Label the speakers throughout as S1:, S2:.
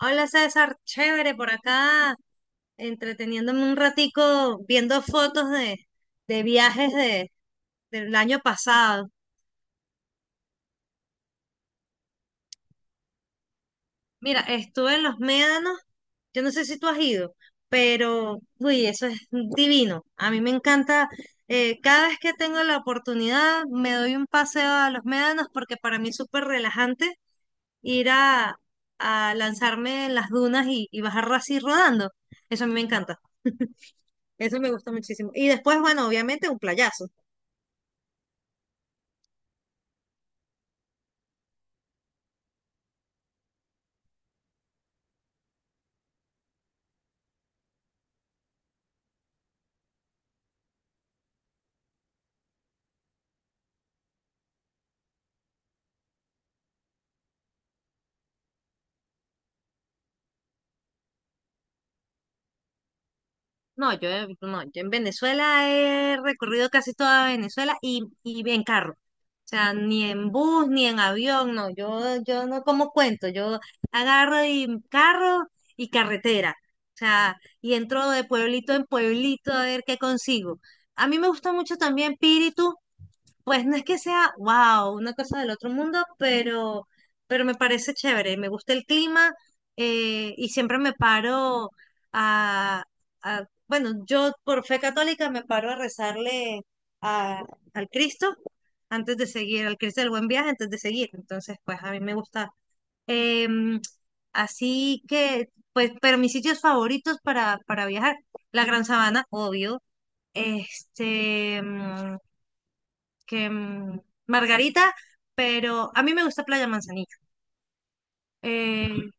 S1: Hola César, chévere por acá, entreteniéndome un ratico viendo fotos de viajes del año pasado. Mira, estuve en los Médanos, yo no sé si tú has ido, pero uy, eso es divino. A mí me encanta, cada vez que tengo la oportunidad me doy un paseo a los Médanos porque para mí es súper relajante ir a lanzarme en las dunas y bajar así rodando. Eso a mí me encanta. Eso me gusta muchísimo. Y después, bueno, obviamente un playazo. No, no, yo en Venezuela he recorrido casi toda Venezuela y en carro. O sea, ni en bus, ni en avión, no. Yo no como cuento. Yo agarro y carro y carretera. O sea, y entro de pueblito en pueblito a ver qué consigo. A mí me gusta mucho también Píritu. Pues no es que sea, wow, una cosa del otro mundo, pero me parece chévere, me gusta el clima, y siempre me paro a, bueno, yo por fe católica me paro a rezarle a- al Cristo antes de seguir, al Cristo del Buen Viaje antes de seguir. Entonces, pues a mí me gusta. Em, Así que, pues, pero mis sitios favoritos para viajar, la Gran Sabana, obvio, este, que mm, Margarita, pero a mí me gusta Playa Manzanillo. Eh,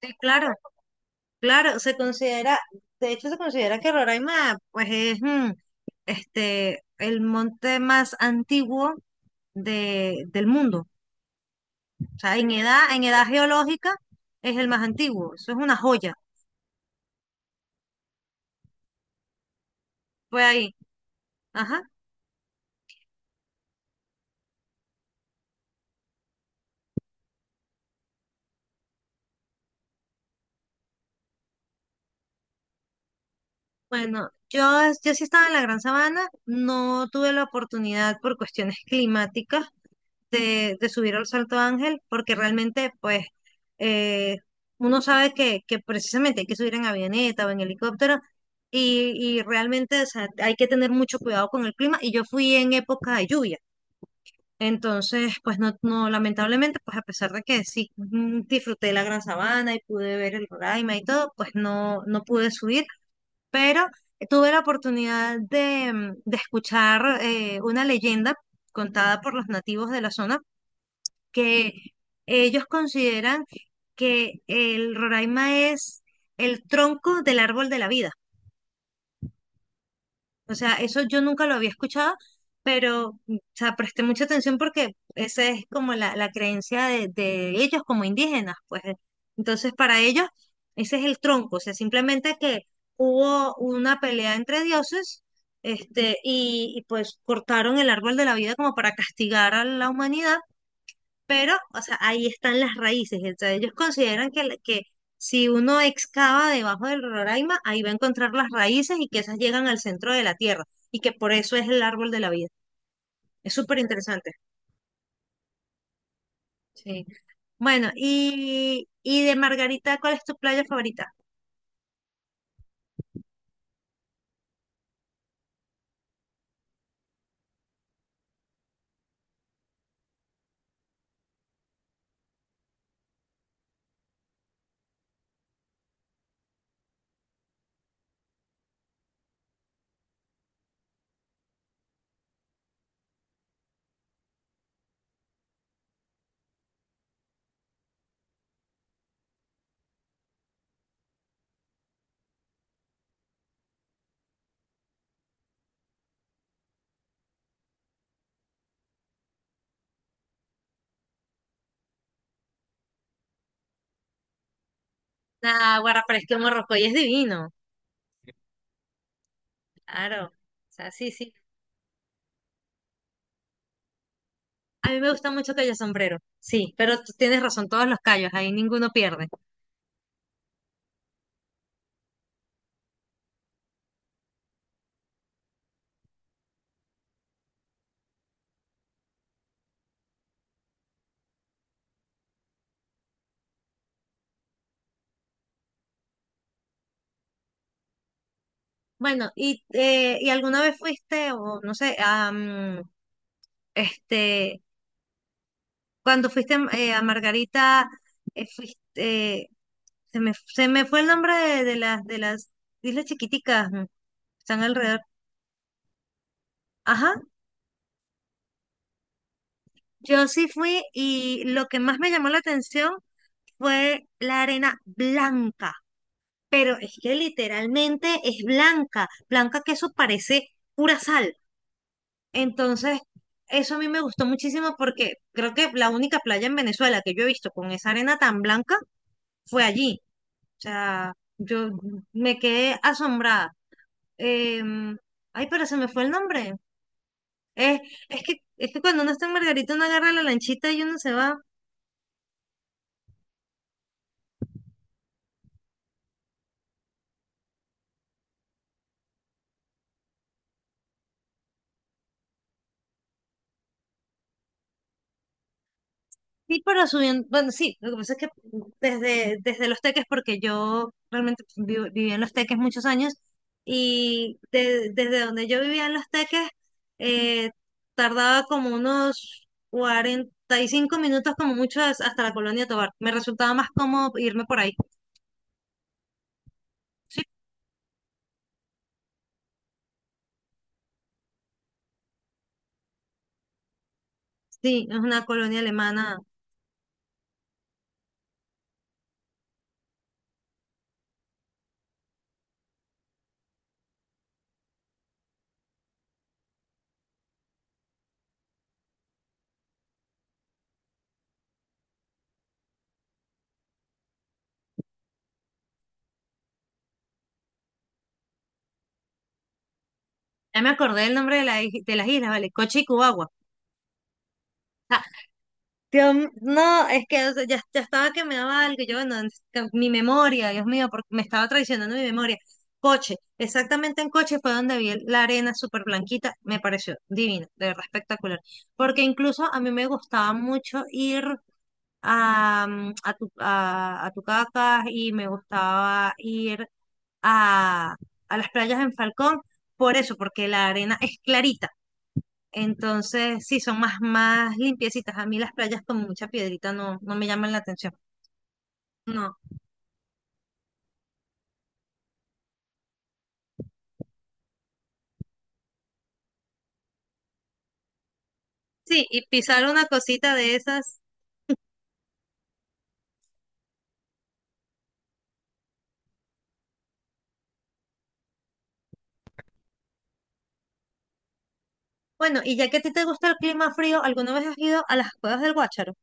S1: sí, claro, claro, se considera, de hecho se considera que Roraima pues es, este, el monte más antiguo del mundo. O sea, en edad geológica es el más antiguo. Eso es una joya. Fue ahí. Ajá. Bueno, yo sí estaba en la Gran Sabana, no tuve la oportunidad por cuestiones climáticas, de subir al Salto Ángel, porque realmente, pues, eh, uno sabe que precisamente hay que subir en avioneta o en helicóptero, y realmente, o sea, hay que tener mucho cuidado con el clima, y yo fui en época de lluvia. Entonces, pues no, no, lamentablemente, pues a pesar de que sí, disfruté de la Gran Sabana y pude ver el Roraima y todo, pues no, no pude subir, pero tuve la oportunidad de escuchar, una leyenda contada por los nativos de la zona que ellos consideran que el Roraima es el tronco del árbol de la vida. O sea, eso yo nunca lo había escuchado, pero o sea, presté mucha atención porque esa es como la creencia de ellos como indígenas, pues. Entonces, para ellos, ese es el tronco. O sea, simplemente que hubo una pelea entre dioses. Este, y pues cortaron el árbol de la vida como para castigar a la humanidad, pero, o sea, ahí están las raíces. Entonces, ellos consideran que, que si uno excava debajo del Roraima, ahí va a encontrar las raíces y que esas llegan al centro de la tierra y que por eso es el árbol de la vida. Es súper interesante. Sí. Bueno, y de Margarita, ¿cuál es tu playa favorita? Ah, Guarra, pero es que Morrocoy es divino. Claro. O sea, sí, sí. A mí me gusta mucho Cayo Sombrero. Sí, pero tú tienes razón, todos los callos, ahí ninguno pierde. Bueno, ¿y alguna vez fuiste, o no sé, este, cuando fuiste, a Margarita, eh, fuiste, eh, se me fue el nombre de las islas chiquiticas, están alrededor. Ajá, yo sí fui y lo que más me llamó la atención fue la arena blanca, pero es que literalmente es blanca, blanca que eso parece pura sal. Entonces, eso a mí me gustó muchísimo porque creo que la única playa en Venezuela que yo he visto con esa arena tan blanca fue allí. O sea, yo me quedé asombrada. Em, ay, pero se me fue el nombre. Es, es que cuando uno está en Margarita, uno agarra la lanchita y uno se va. Sí, pero subiendo, bueno, sí, lo que pasa es que desde Los Teques, porque yo realmente viví en Los Teques muchos años, y desde donde yo vivía en Los Teques, eh, tardaba como unos 45 minutos como mucho, hasta la Colonia Tovar. Me resultaba más cómodo irme por ahí. Sí, es una colonia alemana. Ya me acordé del nombre de las islas, ¿vale? Coche y Cubagua. Ah, no, es que o sea, ya estaba que me daba algo. Yo, bueno, es que mi memoria, Dios mío, porque me estaba traicionando mi memoria. Coche, exactamente en Coche fue donde vi la arena súper blanquita. Me pareció divina, de verdad espectacular. Porque incluso a mí me gustaba mucho ir a, mm, a, Tu- a Tucacas y me gustaba ir a, a las playas en Falcón, por eso, porque la arena es clarita. Entonces, sí, son más, más limpiecitas. A mí las playas con mucha piedrita no, no me llaman la atención. No. Sí, y pisar una cosita de esas. Bueno, y ya que a ti te gusta el clima frío, ¿alguna vez has ido a las cuevas del Guácharo?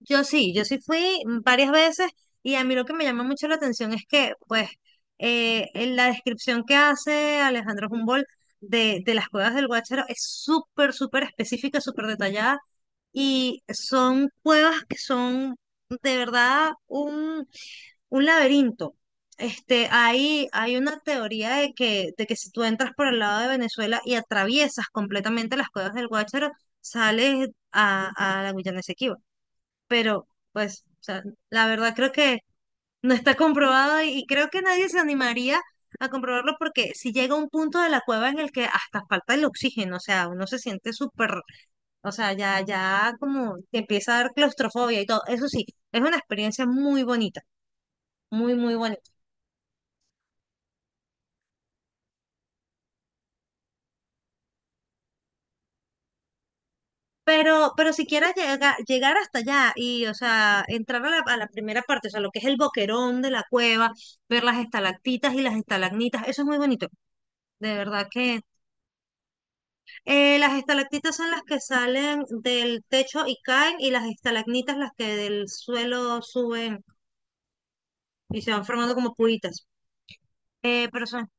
S1: Yo sí fui varias veces y a mí lo que me llama mucho la atención es que, pues, en la descripción que hace Alejandro Humboldt de las cuevas del Guácharo es súper, súper específica, súper detallada y son cuevas que son de verdad un laberinto. Este, hay una teoría de que si tú entras por el lado de Venezuela y atraviesas completamente las cuevas del Guácharo, sales a la Guyana Esequiba. Pero, pues, o sea, la verdad creo que no está comprobado y creo que nadie se animaría a comprobarlo porque si llega un punto de la cueva en el que hasta falta el oxígeno, o sea, uno se siente súper, o sea, ya como te empieza a dar claustrofobia y todo. Eso sí, es una experiencia muy bonita, muy, muy bonita. Pero si quieres llegar hasta allá y, o sea, entrar a la primera parte, o sea, lo que es el boquerón de la cueva, ver las estalactitas y las estalagmitas, eso es muy bonito. De verdad que, las estalactitas son las que salen del techo y caen, y las estalagmitas las que del suelo suben y se van formando como puitas. Pero son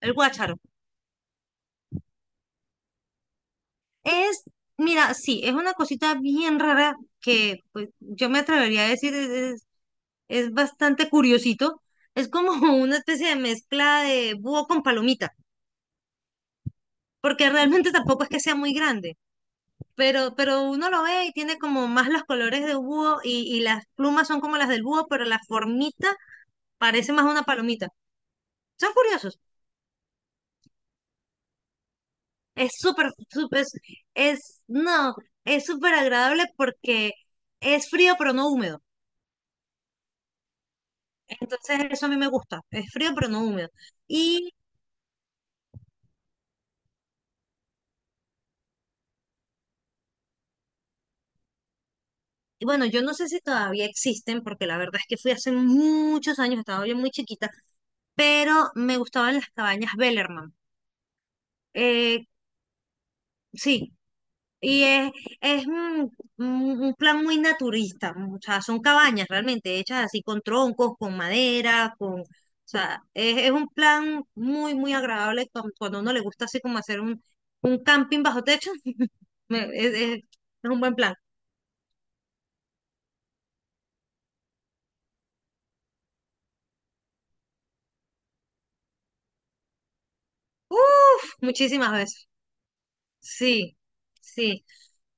S1: el guácharo. Es, mira, sí, es una cosita bien rara que pues, yo me atrevería a decir es bastante curiosito. Es como una especie de mezcla de búho con palomita, porque realmente tampoco es que sea muy grande, pero uno lo ve y tiene como más los colores de búho y las plumas son como las del búho, pero la formita parece más una palomita. Son curiosos. Es súper, no, es súper agradable porque es frío pero no húmedo. Entonces eso a mí me gusta, es frío pero no húmedo. Y y bueno, yo no sé si todavía existen, porque la verdad es que fui hace muchos años, estaba yo muy chiquita, pero me gustaban las cabañas Bellerman. Eh, sí, y es un plan muy naturista, o sea, son cabañas realmente hechas así con troncos, con madera, con. O sea, es un plan muy, muy agradable cuando a uno le gusta así como hacer un camping bajo techo. me- es es- es un buen plan. Uf, muchísimas veces. Sí, sí.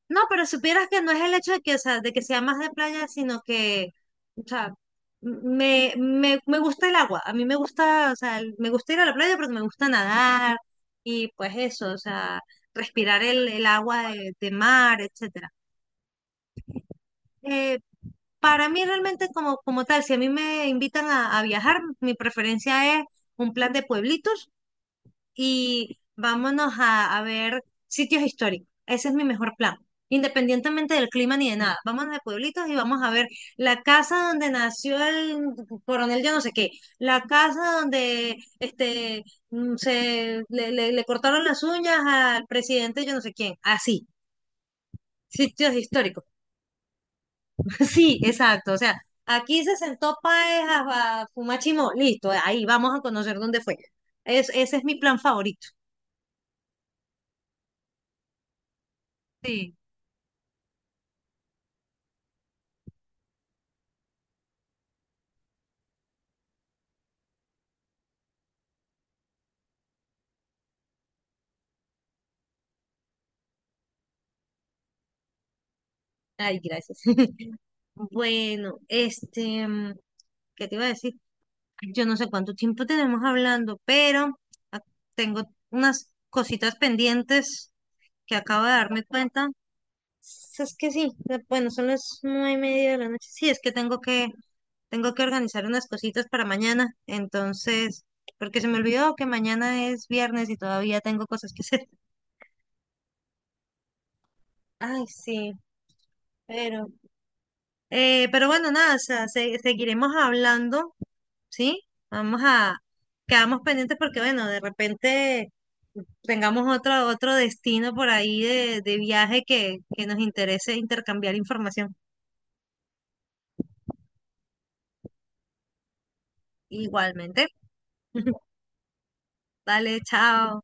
S1: No, pero supieras que no es el hecho de que, o sea, de que sea más de playa, sino que, o sea, me gusta el agua. A mí me gusta, o sea, me gusta ir a la playa porque me gusta nadar y pues eso, o sea, respirar el agua de mar, etcétera. Eh, para mí realmente como tal, si a mí me invitan a viajar, mi preferencia es un plan de pueblitos y vámonos a ver sitios históricos. Ese es mi mejor plan. Independientemente del clima ni de nada. Vámonos de pueblitos y vamos a ver la casa donde nació el coronel yo no sé qué, la casa donde este, se le cortaron las uñas al presidente yo no sé quién. Así, sitios históricos. Sí, exacto. O sea, aquí se sentó Páez a fumar chimó. Listo, ahí vamos a conocer dónde fue. Ese es mi plan favorito. Sí. Ay, gracias. Bueno, este, ¿qué te iba a decir? Yo no sé cuánto tiempo tenemos hablando, pero ah, tengo unas cositas pendientes que acabo de darme cuenta. Es que sí, bueno, son las 9:30 de la noche. Sí, es que tengo que, tengo que organizar unas cositas para mañana. Entonces, porque se me olvidó que mañana es viernes y todavía tengo cosas que hacer. Ay, sí, pero, pero bueno, nada, o sea, seguiremos hablando, ¿sí? Vamos a, Quedamos pendientes porque, bueno, de repente tengamos otro destino por ahí de viaje que nos interese intercambiar información. Igualmente. Dale, chao.